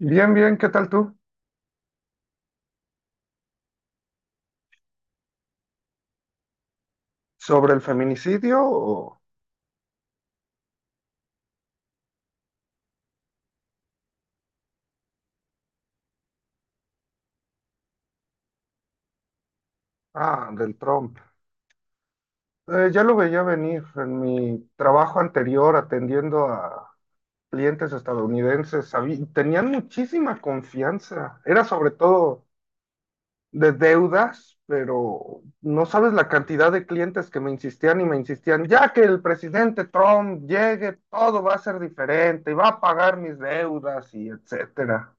Bien, bien, ¿qué tal tú? ¿Sobre el feminicidio o...? Ah, del Trump. Ya lo veía venir en mi trabajo anterior atendiendo a clientes estadounidenses. Tenían muchísima confianza. Era sobre todo de deudas, pero no sabes la cantidad de clientes que me insistían y me insistían, ya que el presidente Trump llegue, todo va a ser diferente y va a pagar mis deudas y etcétera.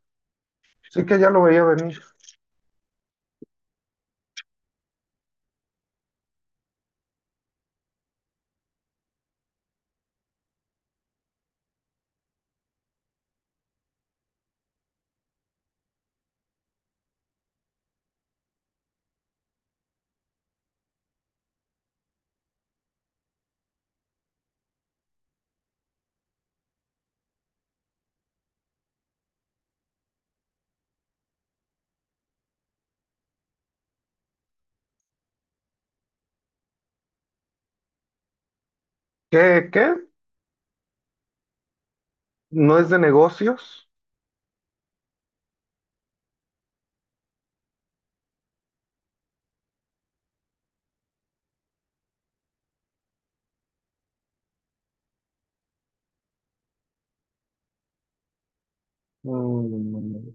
Así que ya lo veía venir. ¿Qué, qué? No es de negocios. Mm,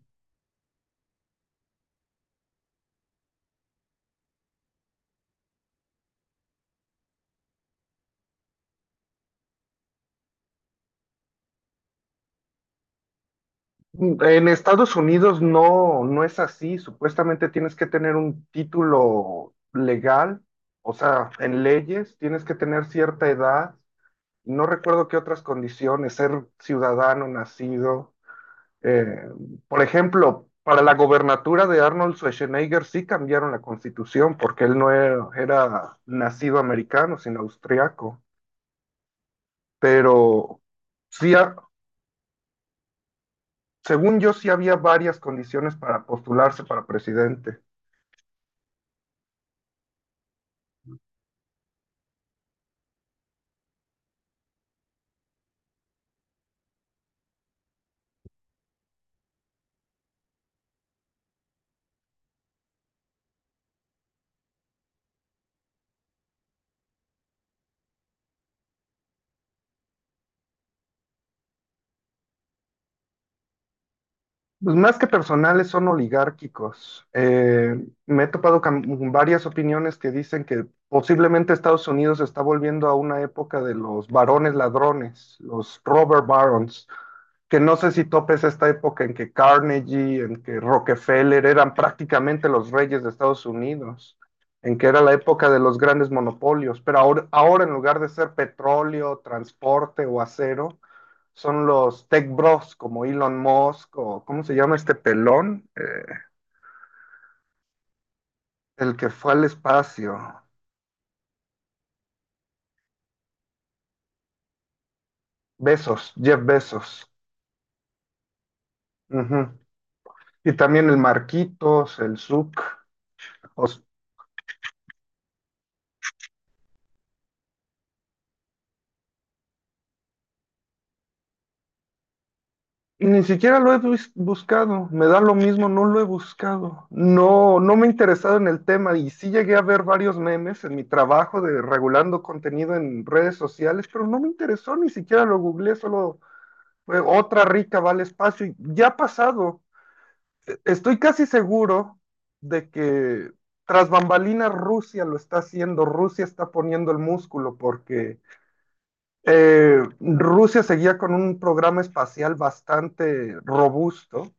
En Estados Unidos no, no es así. Supuestamente tienes que tener un título legal, o sea, en leyes, tienes que tener cierta edad. No recuerdo qué otras condiciones, ser ciudadano nacido. Eh, por ejemplo, para la gobernatura de Arnold Schwarzenegger sí cambiaron la constitución porque él no era, era nacido americano, sino austriaco. Pero sí, según yo sí había varias condiciones para postularse para presidente. Pues más que personales son oligárquicos. Me he topado con varias opiniones que dicen que posiblemente Estados Unidos está volviendo a una época de los barones ladrones, los robber barons, que no sé si topes esta época en que Carnegie, en que Rockefeller eran prácticamente los reyes de Estados Unidos, en que era la época de los grandes monopolios, pero ahora, ahora en lugar de ser petróleo, transporte o acero, son los tech bros como Elon Musk o ¿cómo se llama este pelón? El que fue al espacio. Besos, Jeff Bezos. Ujú. Y también el Marquitos, el Zuck. os- Ni siquiera lo he buscado, me da lo mismo, no lo he buscado. No, no me he interesado en el tema y sí llegué a ver varios memes en mi trabajo de regulando contenido en redes sociales, pero no me interesó, ni siquiera lo googleé, solo fue otra rica vale espacio y ya ha pasado. Estoy casi seguro de que tras bambalinas Rusia lo está haciendo, Rusia está poniendo el músculo porque Rusia seguía con un programa espacial bastante robusto,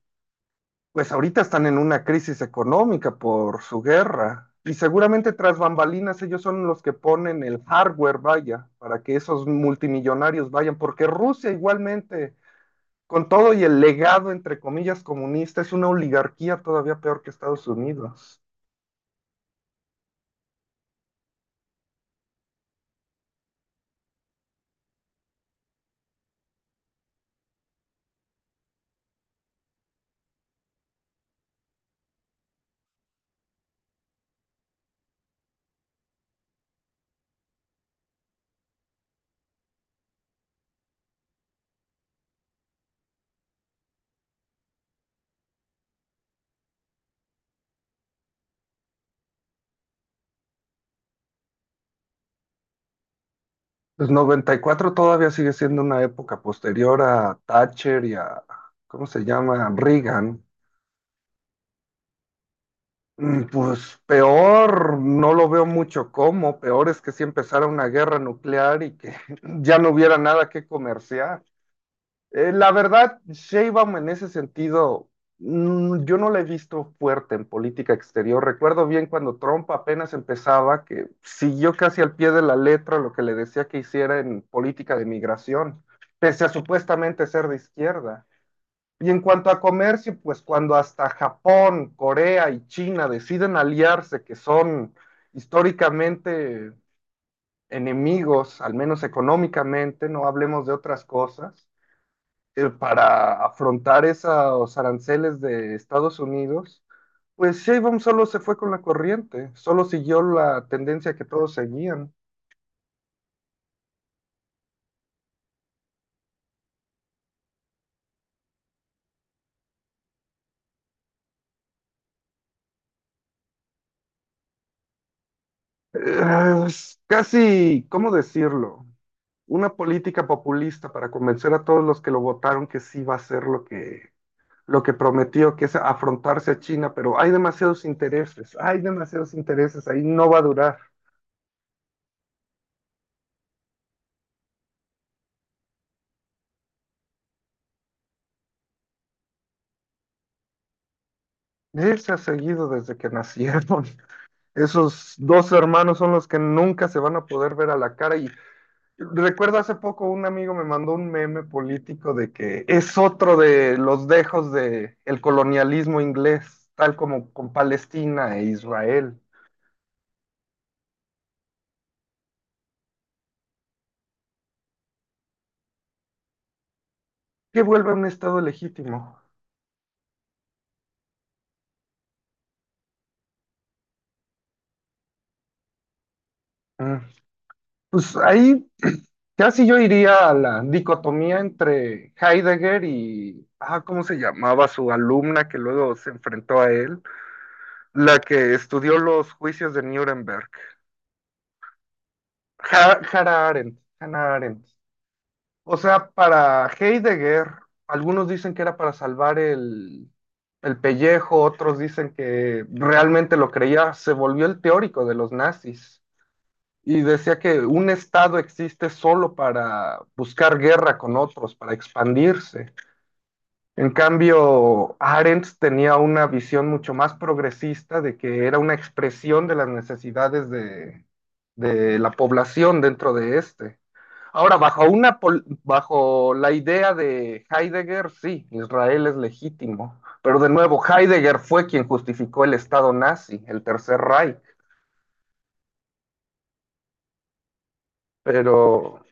pues ahorita están en una crisis económica por su guerra. Y seguramente tras bambalinas ellos son los que ponen el hardware, vaya, para que esos multimillonarios vayan, porque Rusia igualmente, con todo y el legado, entre comillas, comunista, es una oligarquía todavía peor que Estados Unidos. El 94 todavía sigue siendo una época posterior a Thatcher y a, ¿cómo se llama? Reagan. Pues peor, no lo veo mucho como, peor es que si empezara una guerra nuclear y que ya no hubiera nada que comerciar. La verdad, Sheinbaum en ese sentido, yo no la he visto fuerte en política exterior. Recuerdo bien cuando Trump apenas empezaba, que siguió casi al pie de la letra lo que le decía que hiciera en política de migración, pese a supuestamente ser de izquierda. Y en cuanto a comercio, pues cuando hasta Japón, Corea y China deciden aliarse, que son históricamente enemigos, al menos económicamente, no hablemos de otras cosas, para afrontar esos aranceles de Estados Unidos, pues Sheinbaum solo se fue con la corriente, solo siguió la tendencia que todos seguían. Es casi, ¿cómo decirlo? Una política populista para convencer a todos los que lo votaron que sí va a ser lo que prometió, que es afrontarse a China, pero hay demasiados intereses, ahí no va a durar. Se ha seguido desde que nacieron. Esos dos hermanos son los que nunca se van a poder ver a la cara. Y recuerdo hace poco un amigo me mandó un meme político de que es otro de los dejos del colonialismo inglés, tal como con Palestina e Israel, que vuelve a un estado legítimo. Mm. Pues ahí casi yo iría a la dicotomía entre Heidegger y, ah, ¿cómo se llamaba su alumna que luego se enfrentó a él? La que estudió los juicios de Nuremberg. Hannah Arendt, Hannah Arendt. O sea, para Heidegger, algunos dicen que era para salvar el pellejo, otros dicen que realmente lo creía, se volvió el teórico de los nazis. Y decía que un Estado existe solo para buscar guerra con otros, para expandirse. En cambio, Arendt tenía una visión mucho más progresista de que era una expresión de las necesidades de la población dentro de este. Ahora, bajo, una, bajo la idea de Heidegger, sí, Israel es legítimo, pero de nuevo, Heidegger fue quien justificó el Estado nazi, el Tercer Reich, pero.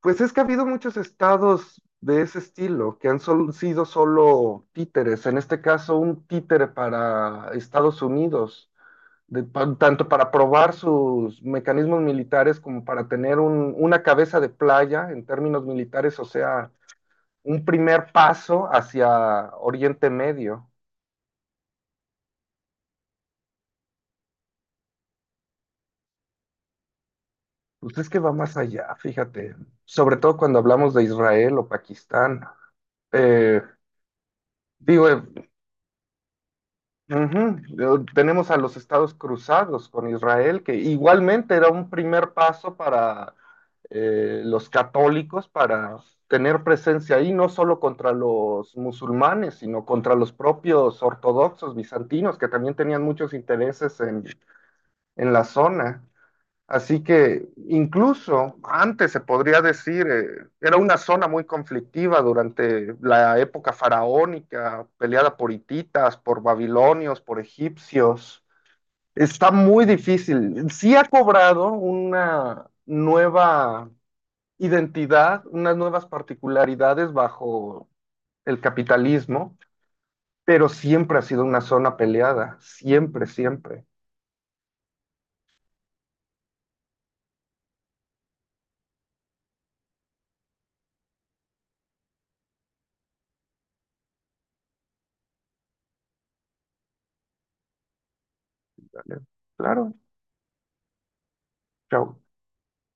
Pues es que ha habido muchos estados de ese estilo que han sido solo títeres, en este caso un títere para Estados Unidos, tanto para probar sus mecanismos militares como para tener una cabeza de playa en términos militares, o sea, un primer paso hacia Oriente Medio. Pues es que va más allá, fíjate, sobre todo cuando hablamos de Israel o Pakistán. Eh, Digo, ujú. Tenemos a los estados cruzados con Israel, que igualmente era un primer paso para los católicos para tener presencia ahí, no solo contra los musulmanes, sino contra los propios ortodoxos bizantinos, que también tenían muchos intereses en, la zona. Así que incluso antes se podría decir, era una zona muy conflictiva durante la época faraónica, peleada por hititas, por babilonios, por egipcios. Está muy difícil. Sí ha cobrado una nueva identidad, unas nuevas particularidades bajo el capitalismo, pero siempre ha sido una zona peleada, siempre, siempre. ¿Vale? Claro, chao.